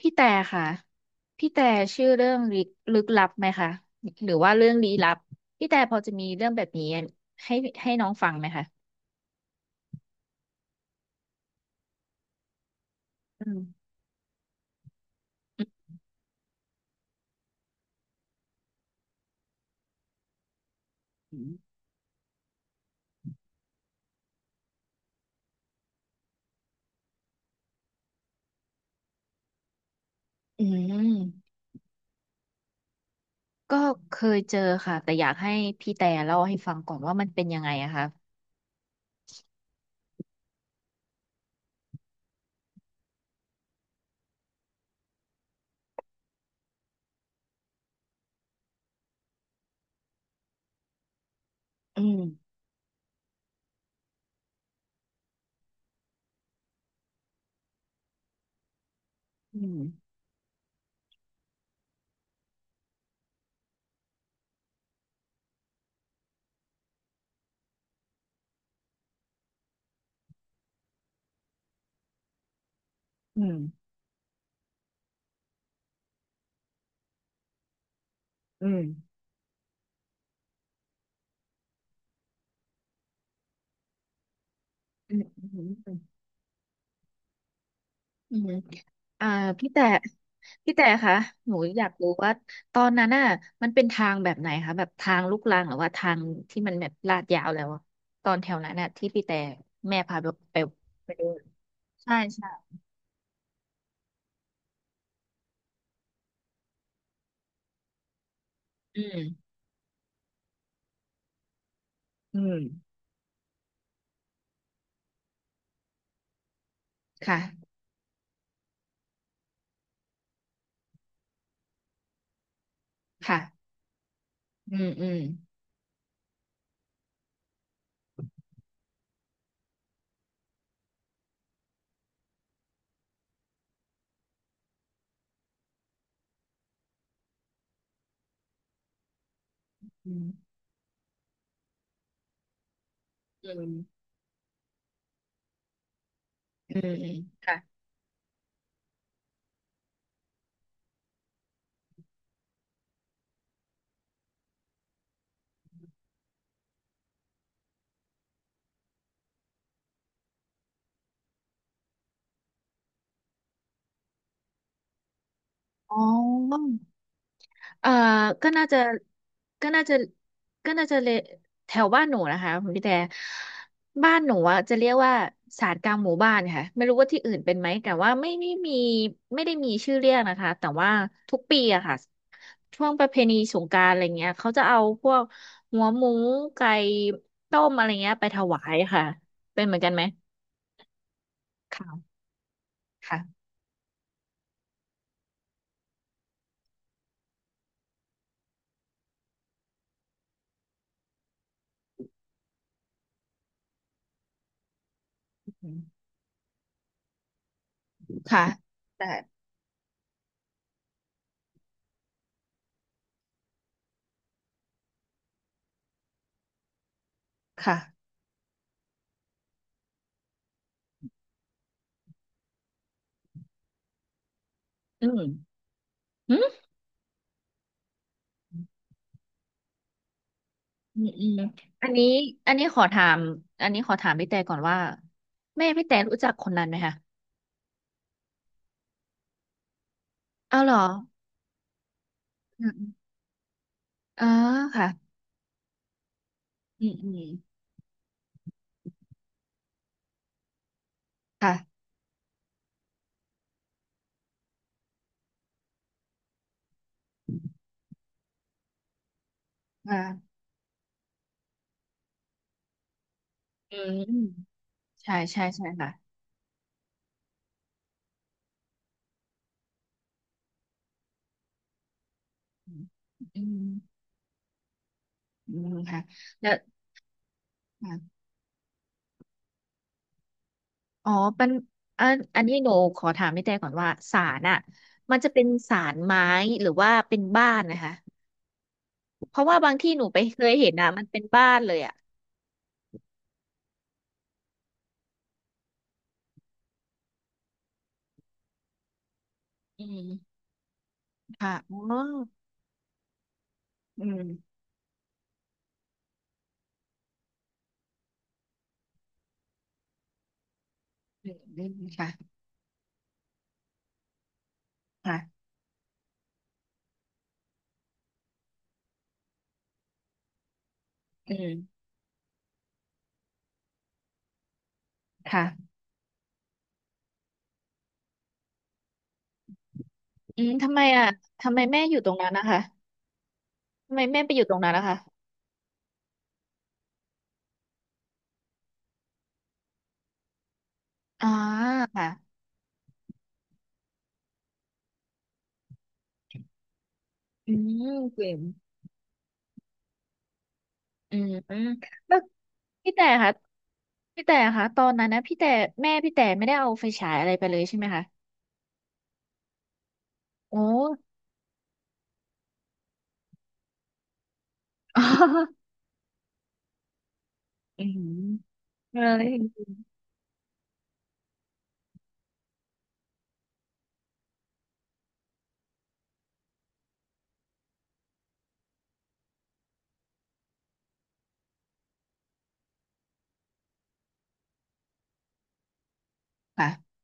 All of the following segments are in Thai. พี่แต่ค่ะพี่แต่ชื่อเรื่องลึกลับไหมคะ หรือว่าเรื่องลี้ลับ พี่แต่พอจะมีเรื่องแบบนี้ให้ให้น้องฟังไหมคะอืมอืมอืมก็เคยเจอค่ะแต่อยากให้พี่แต่เล่าให้ฟังก่อนว่ามันเป็นยังไงอะคะอืมอืมอืมอืมอืม อืมอ่าพี่แต่พี่แต่คะหนูอยากรู้ว่าตอนนั้นน่ะมันเป็นทางแบบไหนคะแบบทางลูกรังหรือว่าทางที่มันแบบลาดยาวแล้วอะตอนแถวนั้นน่ะที่พี่แต่แม่พาไปไปไปดูใช่ใช่ อืมอืมค่ะค่ะ อืมอืมอืมอืมอืมอืมค่ะอ๋อ เอ่อก็น่าจะก็น่าจะก็น่าจะเลแถวบ้านหนูนะคะคุณพี่แต่บ้านหนูอะจะเรียกว่าศาลกลางหมู่บ้านค่ะไม่รู้ว่าที่อื่นเป็นไหมแต่ว่าไม่มีไม่ได้มีชื่อเรียกนะคะแต่ว่าทุกปีอะค่ะช่วงประเพณีสงกรานต์อะไรเงี้ยเขาจะเอาพวกหัวหมูไก่ต้มอะไรเงี้ยไปถวายค่ะเป็นเหมือนกันไหมค่ะค่ะค่ะแต่ค่ะอืม อืมอืมอันนี้อันนี้ขอถามอันนี้ขอถามพี่แต่ก่อนว่าแม่พี่แต่รู้จักคนนั้นไหมคะเอาเหรออืมอมอ๋อค่ะอืมอืมค่ะอ่าอืมใช่ใช่ใช่ค่ะอืมอืมอืมค่ะแล้วอ่ะอ๋อเป็นอันนี้หนูขอถามพี่แต่ก่อนว่าศาลอ่ะมันจะเป็นศาลไม้หรือว่าเป็นบ้านนะคะเพราะว่าบางที่หนูไปเคยเห็นนะมันเป็นบ้านเลยอ่ะอืมค่ะอ๋ออืม อืมอืมค่ะค่ะอืมค่ะอืมทำไมอ่ะทำไมแม่อยู่ตรงนั้นนะคะทำไมแม่ไปอยู่ตรงนั้นนะคะอ่าค่ะอืมเก่งอืมอืมแล้วพี่แต่ค่ะพี่แต่ค่ะตอนนั้นนะพี่แต่แม่พี่แต่ไม่ได้เอาไฟฉายอะไรไปเลยใช่ไหมคะโอ้ อืมเลยค่ะ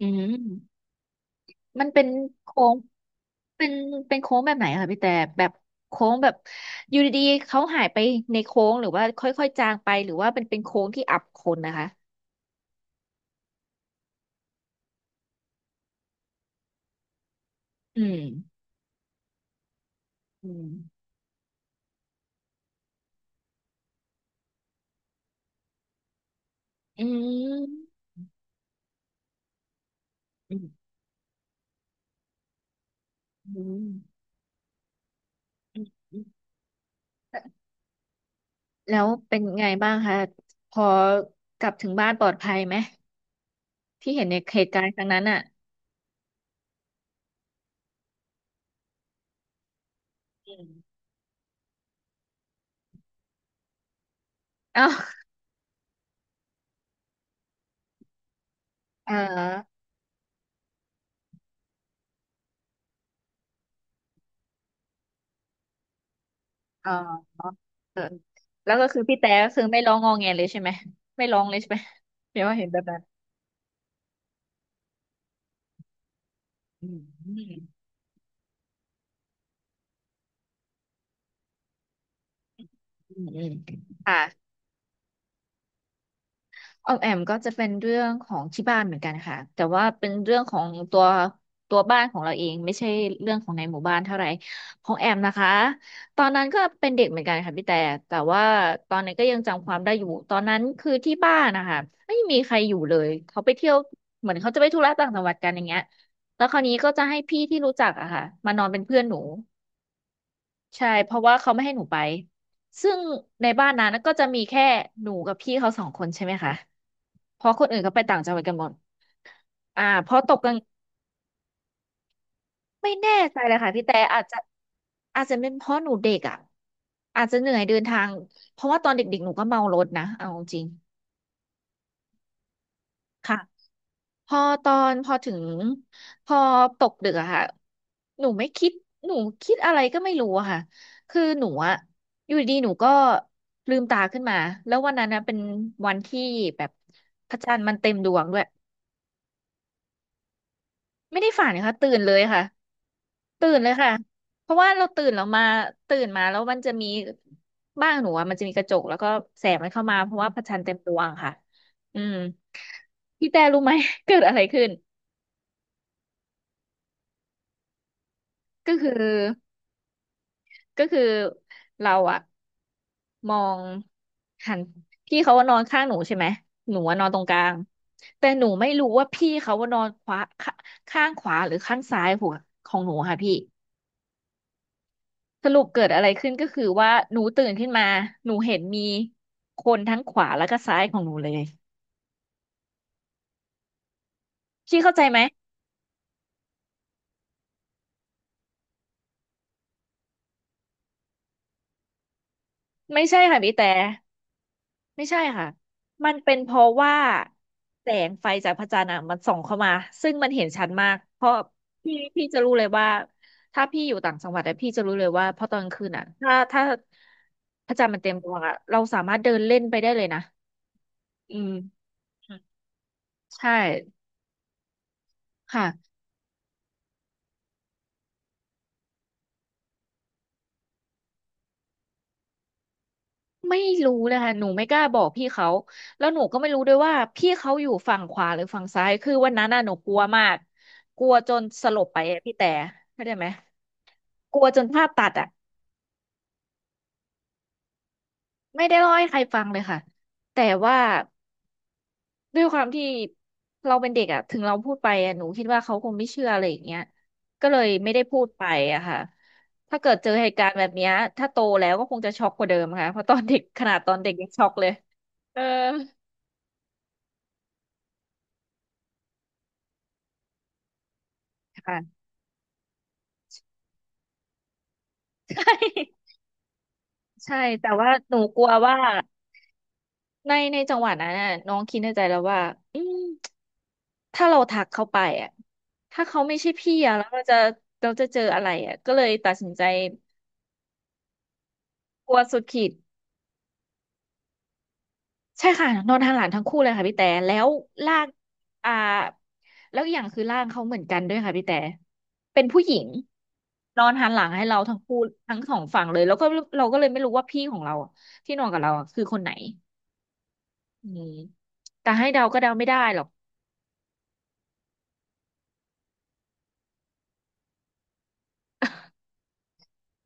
อืม มันเป็นโค้งเป็นเป็นโค้งแบบไหนอะคะพี่แต่แบบโค้งแบบอยู่ดีๆเขาหายไปในโค้งหรือว่าค่อยๆจางไปหรือว่าเป็นโค้งที่อับคนนะคะอืมอืมอืมอืมอืมอืมอืมแล้วเป็นไงบ้างคะพอกลับถึงบ้านปลอดภัยไหมที่เห็นในเหตุการณ์ครั้งนั้นอ่ะอืมเอ้าเออเออเออแล้วก็คือพี่แต่ก็คือไม่ร้องงอแงเลยใช่ไหมไม่ร้องเลยใช่ไหมเดี๋ยวว่าเห็นแบบนั้น อืมอืมอืมค่ะออมแอมก็จะเป็นเรื่องของที่บ้านเหมือนกันค่ะแต่ว่าเป็นเรื่องของตัวบ้านของเราเองไม่ใช่เรื่องของในหมู่บ้านเท่าไหร่ของแอมนะคะตอนนั้นก็เป็นเด็กเหมือนกันค่ะพี่แต่แต่ว่าตอนนั้นก็ยังจำความได้อยู่ตอนนั้นคือที่บ้านนะคะไม่มีใครอยู่เลยเขาไปเที่ยวเหมือนเขาจะไปธุระต่างจังหวัดกันอย่างเงี้ยแล้วคราวนี้ก็จะให้พี่ที่รู้จักอะค่ะมานอนเป็นเพื่อนหนู ใช่เพราะว่าเขาไม่ให้หนูไปซึ่งในบ้านนั้นก็จะมีแค่หนูกับพี่เขาสองคนใช่ไหมคะเพราะคนอื่นเขาไปต่างจังหวัดกันหมดอ่าพอตกกลางไม่แน่ใจเลยค่ะพี่แต่อาจจะอาจจะเป็นเพราะหนูเด็กอ่ะอาจจะเหนื่อยเดินทางเพราะว่าตอนเด็กๆหนูก็เมารถนะเอาจริงค่ะ พอตอนพอถึงพอตกดึกอะค่ะหนูไม่คิดหนูคิดอะไรก็ไม่รู้อะค่ะคือหนูอะอยู่ดีๆหนูก็ลืมตาขึ้นมาแล้ววันนั้นนะเป็นวันที่แบบพระจันทร์มันเต็มดวงด้วยไม่ได้ฝันค่ะตื่นเลยค่ะตื่นเลยค่ะเพราะว่าเราตื่นเรามาตื่นมาแล้วมันจะมีบ้านหนูอะมันจะมีกระจกแล้วก็แสงมันเข้ามาเพราะว่าพระจันทร์เต็มดวงค่ะอืมพี่แต่รู้ไหม เกิดอะไรขึ้นก็คือ ก็คือเราอะมองหันพี่เขาว่านอนข้างหนูใช่ไหมหนูว่านอนตรงกลางแต่หนูไม่รู้ว่าพี่เขาว่านอนขวาขข้างขวาหรือข้างซ้ายหัวของหนูค่ะพี่สรุปเกิดอะไรขึ้นก็คือว่าหนูตื่นขึ้นมาหนูเห็นมีคนทั้งขวาแล้วก็ซ้ายของหนูเลยพี่เข้าใจไหมไม่ใช่ค่ะพี่แต่ ไม่ใช่ค่ะ มันเป็นเพราะว่าแสงไฟจากพระจันทร์อ่ะมันส่องเข้ามา ซึ่งมันเห็นชัดมาก เพราะพี่จะรู้เลยว่าถ้าพี่อยู่ต่างจังหวัดอะพี่จะรู้เลยว่าพอตอนกลางคืนอ่ะถ้าพระจันทร์มันเต็มดวงอ่ะเราสามารถเดินเล่นไปได้เลยนะอืมใช่ค่ะ ไม่รู้เลยค่ะหนูไม่กล้าบอกพี่เขาแล้วหนูก็ไม่รู้ด้วยว่าพี่เขาอยู่ฝั่งขวาหรือฝั่งซ้ายคือวันนั้นน่ะหนูกลัวมากกลัวจนสลบไปอะพี่แต่เข้าใจไหมกลัวจนภาพตัดอ่ะ ไม่ได้เล่าให้ใครฟังเลยค่ะแต่ว่าด้วยความที่เราเป็นเด็กอะถึงเราพูดไปอะหนูคิดว่าเขาคงไม่เชื่ออะไรอย่างเงี้ยก็เลยไม่ได้พูดไปอะค่ะถ้าเกิดเจอเหตุการณ์แบบเนี้ยถ้าโตแล้วก็คงจะช็อกกว่าเดิมค่ะเพราะตอนเด็กขนาดตอนเด็กยังช็อกเลยเออค่ะ ใช่ใช่แต่ว่าหนูกลัวว่าในจังหวะนั้นน่ะน้องคิดในใจแล้วว่าอืมถ้าเราทักเขาไปอ่ะถ้าเขาไม่ใช่พี่อ่ะแล้วเราจะเจออะไรอ่ะก็เลยตัดสินใจ กลัวสุดขีดใช่ค่ะนอนหันหลังทั้งคู่เลยค่ะพี่แต่แล้วลากอ่าแล้วอย่างคือร่างเขาเหมือนกันด้วยค่ะพี่แต่เป็นผู้หญิงนอนหันหลังให้เราทั้งคู่ทั้งสองฝั่งเลยแล้วก็เราก็เลยไม่รู้ว่าพี่ของเราอะที่นอนกับเราอะคือคนไหนอืมแต่ให้เดาก็เดาไม่ได้หรอก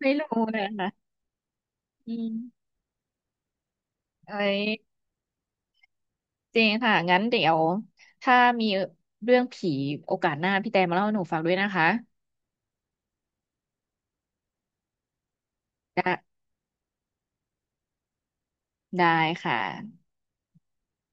ไม่รู้นะคะอืมเอ้ยจริงค่ะงั้นเดี๋ยวถ้ามีเรื่องผีโอกาสหน้าพี่แต่มาเล่าให้หนูฟังด้วยนะคะได้ได้ค่ะ